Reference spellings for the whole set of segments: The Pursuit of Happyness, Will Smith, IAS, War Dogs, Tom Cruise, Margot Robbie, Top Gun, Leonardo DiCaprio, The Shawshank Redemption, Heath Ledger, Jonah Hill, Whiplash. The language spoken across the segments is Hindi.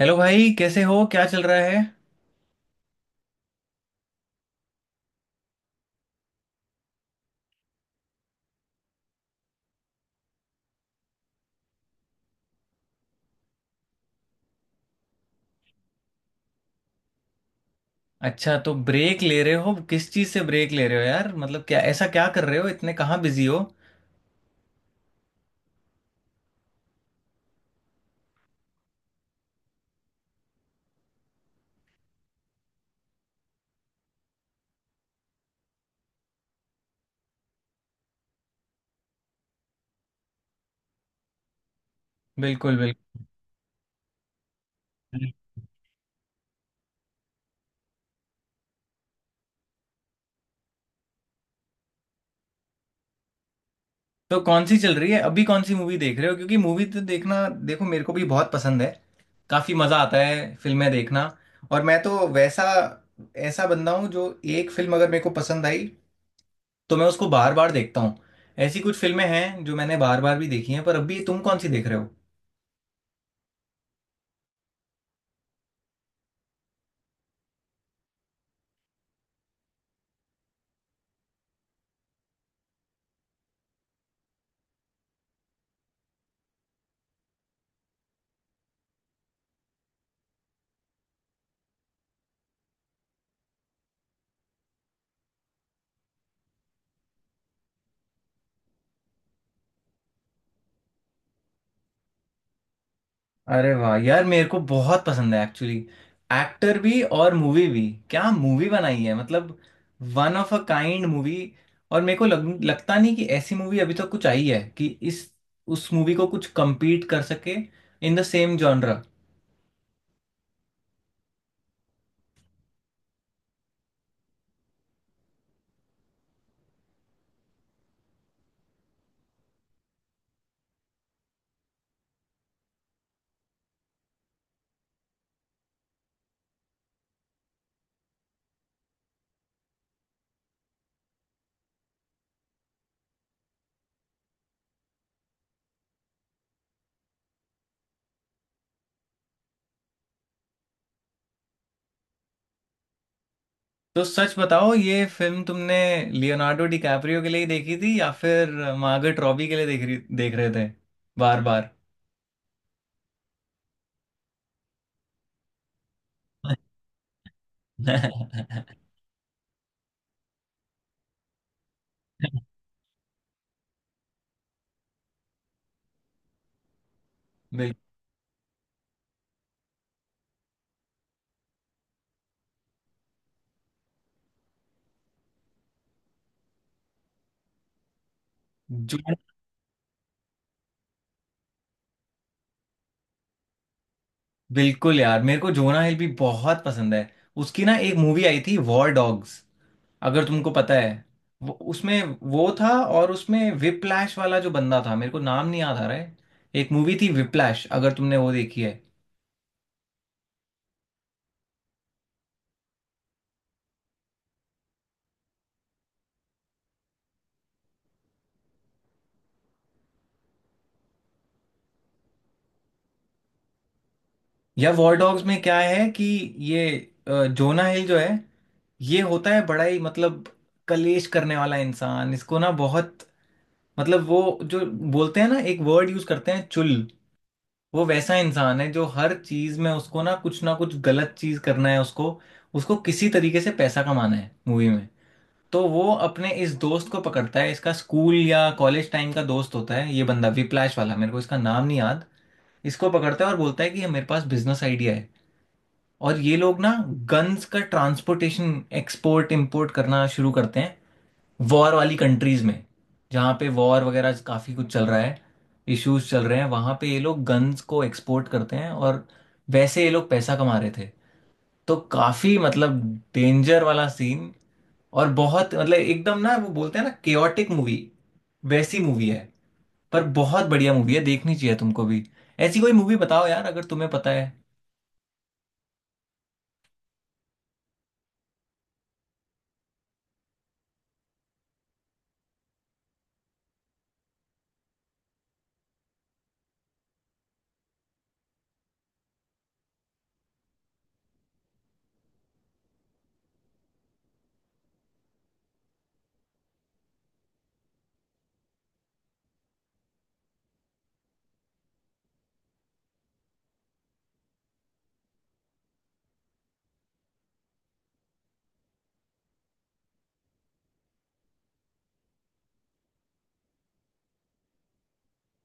हेलो भाई, कैसे हो? क्या चल रहा है? अच्छा, तो ब्रेक ले रहे हो? किस चीज से ब्रेक ले रहे हो यार? मतलब क्या ऐसा क्या कर रहे हो? इतने कहाँ बिजी हो? बिल्कुल, बिल्कुल। तो कौन सी चल रही है अभी? कौन सी मूवी देख रहे हो? क्योंकि मूवी तो देखना, देखो, मेरे को भी बहुत पसंद है। काफी मजा आता है फिल्में देखना। और मैं तो वैसा ऐसा बंदा हूँ जो एक फिल्म अगर मेरे को पसंद आई तो मैं उसको बार बार देखता हूँ। ऐसी कुछ फिल्में हैं जो मैंने बार बार भी देखी हैं, पर अभी तुम कौन सी देख रहे हो? अरे वाह यार, मेरे को बहुत पसंद है एक्चुअली। एक्टर भी और मूवी भी। क्या मूवी बनाई है मतलब। One of a kind movie. और मेरे को लगता नहीं कि ऐसी मूवी अभी तक कुछ आई है कि इस उस मूवी को कुछ compete कर सके इन द सेम जॉनरा। तो सच बताओ, ये फिल्म तुमने लियोनार्डो डिकैप्रियो के लिए ही देखी थी या फिर मार्गरेट रॉबी के लिए देख रही देख रहे थे बार बार? बिल्कुल। जो बिल्कुल यार, मेरे को जोना हिल भी बहुत पसंद है। उसकी ना एक मूवी आई थी वॉर डॉग्स, अगर तुमको पता है। उसमें वो था। और उसमें विप्लैश वाला जो बंदा था, मेरे को नाम नहीं याद आ रहा है। एक मूवी थी विप्लैश, अगर तुमने वो देखी है। या वॉर डॉग्स में क्या है कि ये जोना हिल जो है, ये होता है बड़ा ही मतलब कलेश करने वाला इंसान। इसको ना बहुत मतलब वो जो बोलते हैं ना, एक वर्ड यूज करते हैं, चुल। वो वैसा इंसान है जो हर चीज में उसको ना कुछ गलत चीज करना है। उसको उसको किसी तरीके से पैसा कमाना है मूवी में। तो वो अपने इस दोस्त को पकड़ता है, इसका स्कूल या कॉलेज टाइम का दोस्त होता है ये बंदा विप्लैश वाला, मेरे को इसका नाम नहीं याद। इसको पकड़ता है और बोलता है कि ये मेरे पास बिजनेस आइडिया है। और ये लोग ना गन्स का ट्रांसपोर्टेशन, एक्सपोर्ट इम्पोर्ट करना शुरू करते हैं वॉर वाली कंट्रीज में, जहाँ पे वॉर वगैरह काफ़ी कुछ चल रहा है, इश्यूज चल रहे हैं। वहाँ पे ये लोग गन्स को एक्सपोर्ट करते हैं और वैसे ये लोग पैसा कमा रहे थे। तो काफ़ी मतलब डेंजर वाला सीन, और बहुत मतलब एकदम ना वो बोलते हैं ना, केओटिक मूवी, वैसी मूवी है। पर बहुत बढ़िया मूवी है, देखनी चाहिए तुमको भी। ऐसी कोई मूवी बताओ यार, अगर तुम्हें पता है।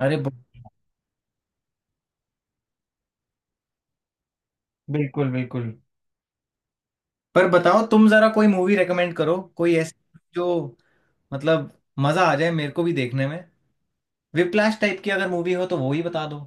अरे ब-। बिल्कुल, बिल्कुल। पर बताओ, तुम जरा कोई मूवी रेकमेंड करो, कोई ऐसी जो मतलब मजा आ जाए मेरे को भी देखने में। विप्लैश टाइप की अगर मूवी हो तो वो ही बता दो।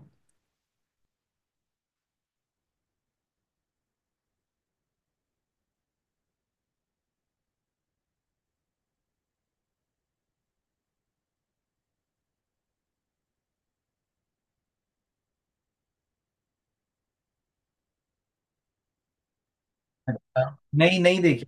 अच्छा। नहीं, नहीं देखी।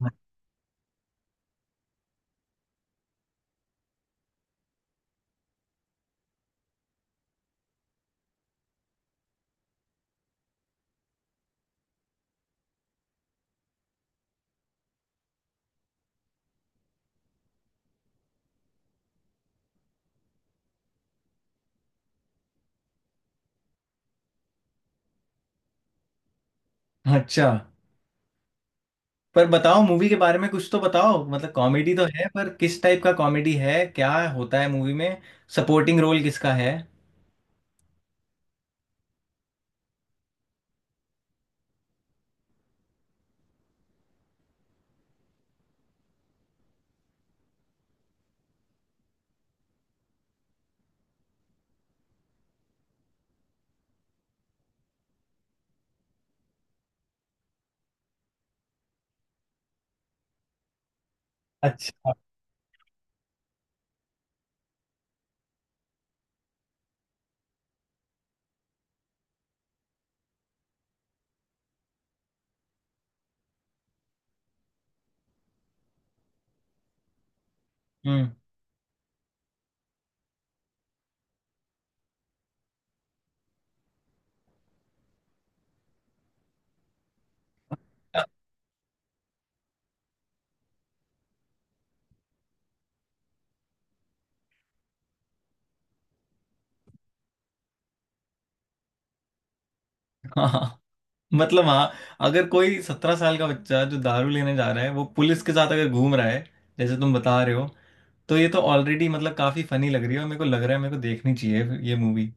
मैंने। अच्छा। पर बताओ मूवी के बारे में कुछ तो बताओ। मतलब कॉमेडी तो है, पर किस टाइप का कॉमेडी है? क्या होता है मूवी में? सपोर्टिंग रोल किसका है? अच्छा। हम्म। हाँ। मतलब हाँ, अगर कोई 17 साल का बच्चा जो दारू लेने जा रहा है वो पुलिस के साथ अगर घूम रहा है, जैसे तुम बता रहे हो, तो ये तो ऑलरेडी मतलब काफी फनी लग रही है। और मेरे को लग रहा है मेरे को देखनी चाहिए ये मूवी।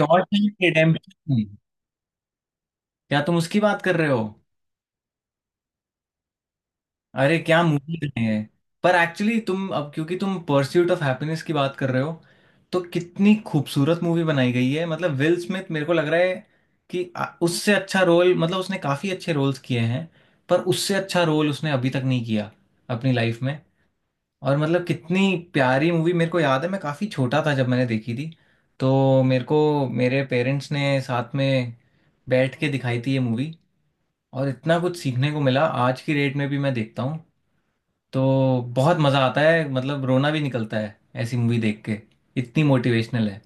शॉशैंक रिडेम्पशन, क्या तुम उसकी बात कर रहे हो? अरे क्या मूवी है। पर एक्चुअली तुम अब क्योंकि तुम परस्यूट ऑफ हैप्पीनेस की बात कर रहे हो, तो कितनी खूबसूरत मूवी बनाई गई है। मतलब विल स्मिथ, मेरे को लग रहा है कि उससे अच्छा रोल, मतलब उसने काफी अच्छे रोल्स किए हैं, पर उससे अच्छा रोल उसने अभी तक नहीं किया अपनी लाइफ में। और मतलब कितनी प्यारी मूवी, मेरे को याद है मैं काफ़ी छोटा था जब मैंने देखी थी। तो मेरे को मेरे पेरेंट्स ने साथ में बैठ के दिखाई थी ये मूवी, और इतना कुछ सीखने को मिला। आज की डेट में भी मैं देखता हूँ तो बहुत मज़ा आता है। मतलब रोना भी निकलता है ऐसी मूवी देख के, इतनी मोटिवेशनल है।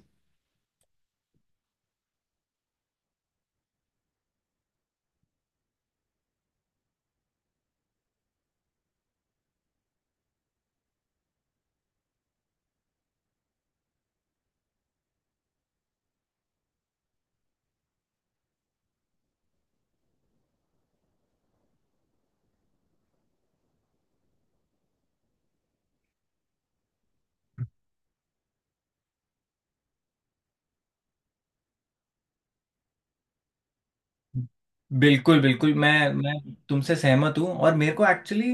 बिल्कुल, बिल्कुल। मैं तुमसे सहमत हूँ। और मेरे को एक्चुअली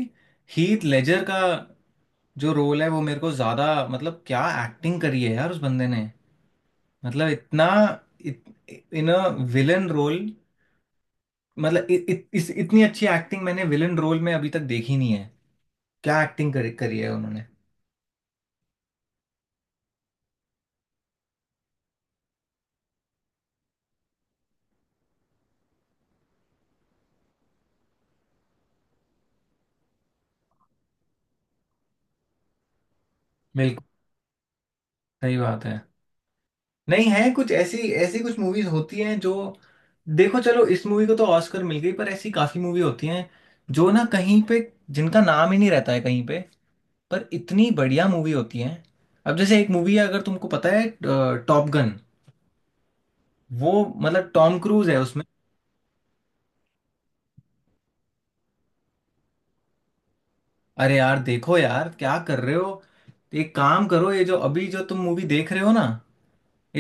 हीथ लेजर का जो रोल है वो मेरे को ज़्यादा मतलब, क्या एक्टिंग करी है यार उस बंदे ने। मतलब इतना इत, इन अ विलन रोल, मतलब इ, इ, इस इतनी अच्छी एक्टिंग मैंने विलन रोल में अभी तक देखी नहीं है। क्या एक्टिंग करी करी है उन्होंने। बिल्कुल। सही बात है। नहीं है कुछ ऐसी, ऐसी कुछ मूवीज होती हैं जो, देखो चलो इस मूवी को तो ऑस्कर मिल गई, पर ऐसी काफी मूवी होती हैं जो ना कहीं पे, जिनका नाम ही नहीं रहता है कहीं पे, पर इतनी बढ़िया मूवी होती हैं। अब जैसे एक मूवी है, अगर तुमको पता है, टॉप गन। वो मतलब टॉम क्रूज है। अरे यार, देखो यार क्या कर रहे हो। एक काम करो, ये जो अभी जो तुम मूवी देख रहे हो ना,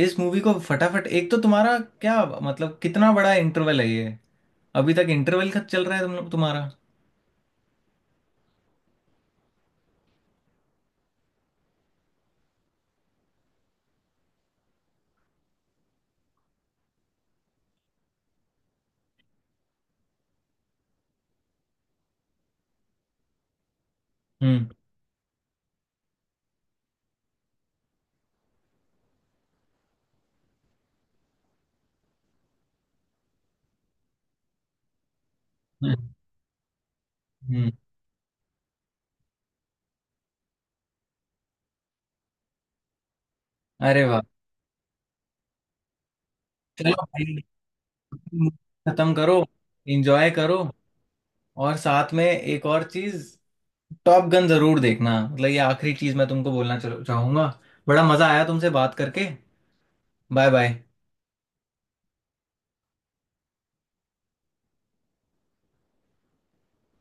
इस मूवी को फटाफट। एक तो तुम्हारा क्या मतलब, कितना बड़ा इंटरवल है ये? अभी तक इंटरवल खत चल रहा है तुम्हारा। हम्म। हम्म। हम्म। अरे वाह। चलो भाई, movie खत्म करो, एंजॉय करो। और साथ में एक और चीज, टॉप गन जरूर देखना। मतलब ये आखिरी चीज मैं तुमको बोलना चलो चाहूंगा। बड़ा मजा आया तुमसे बात करके। Bye bye.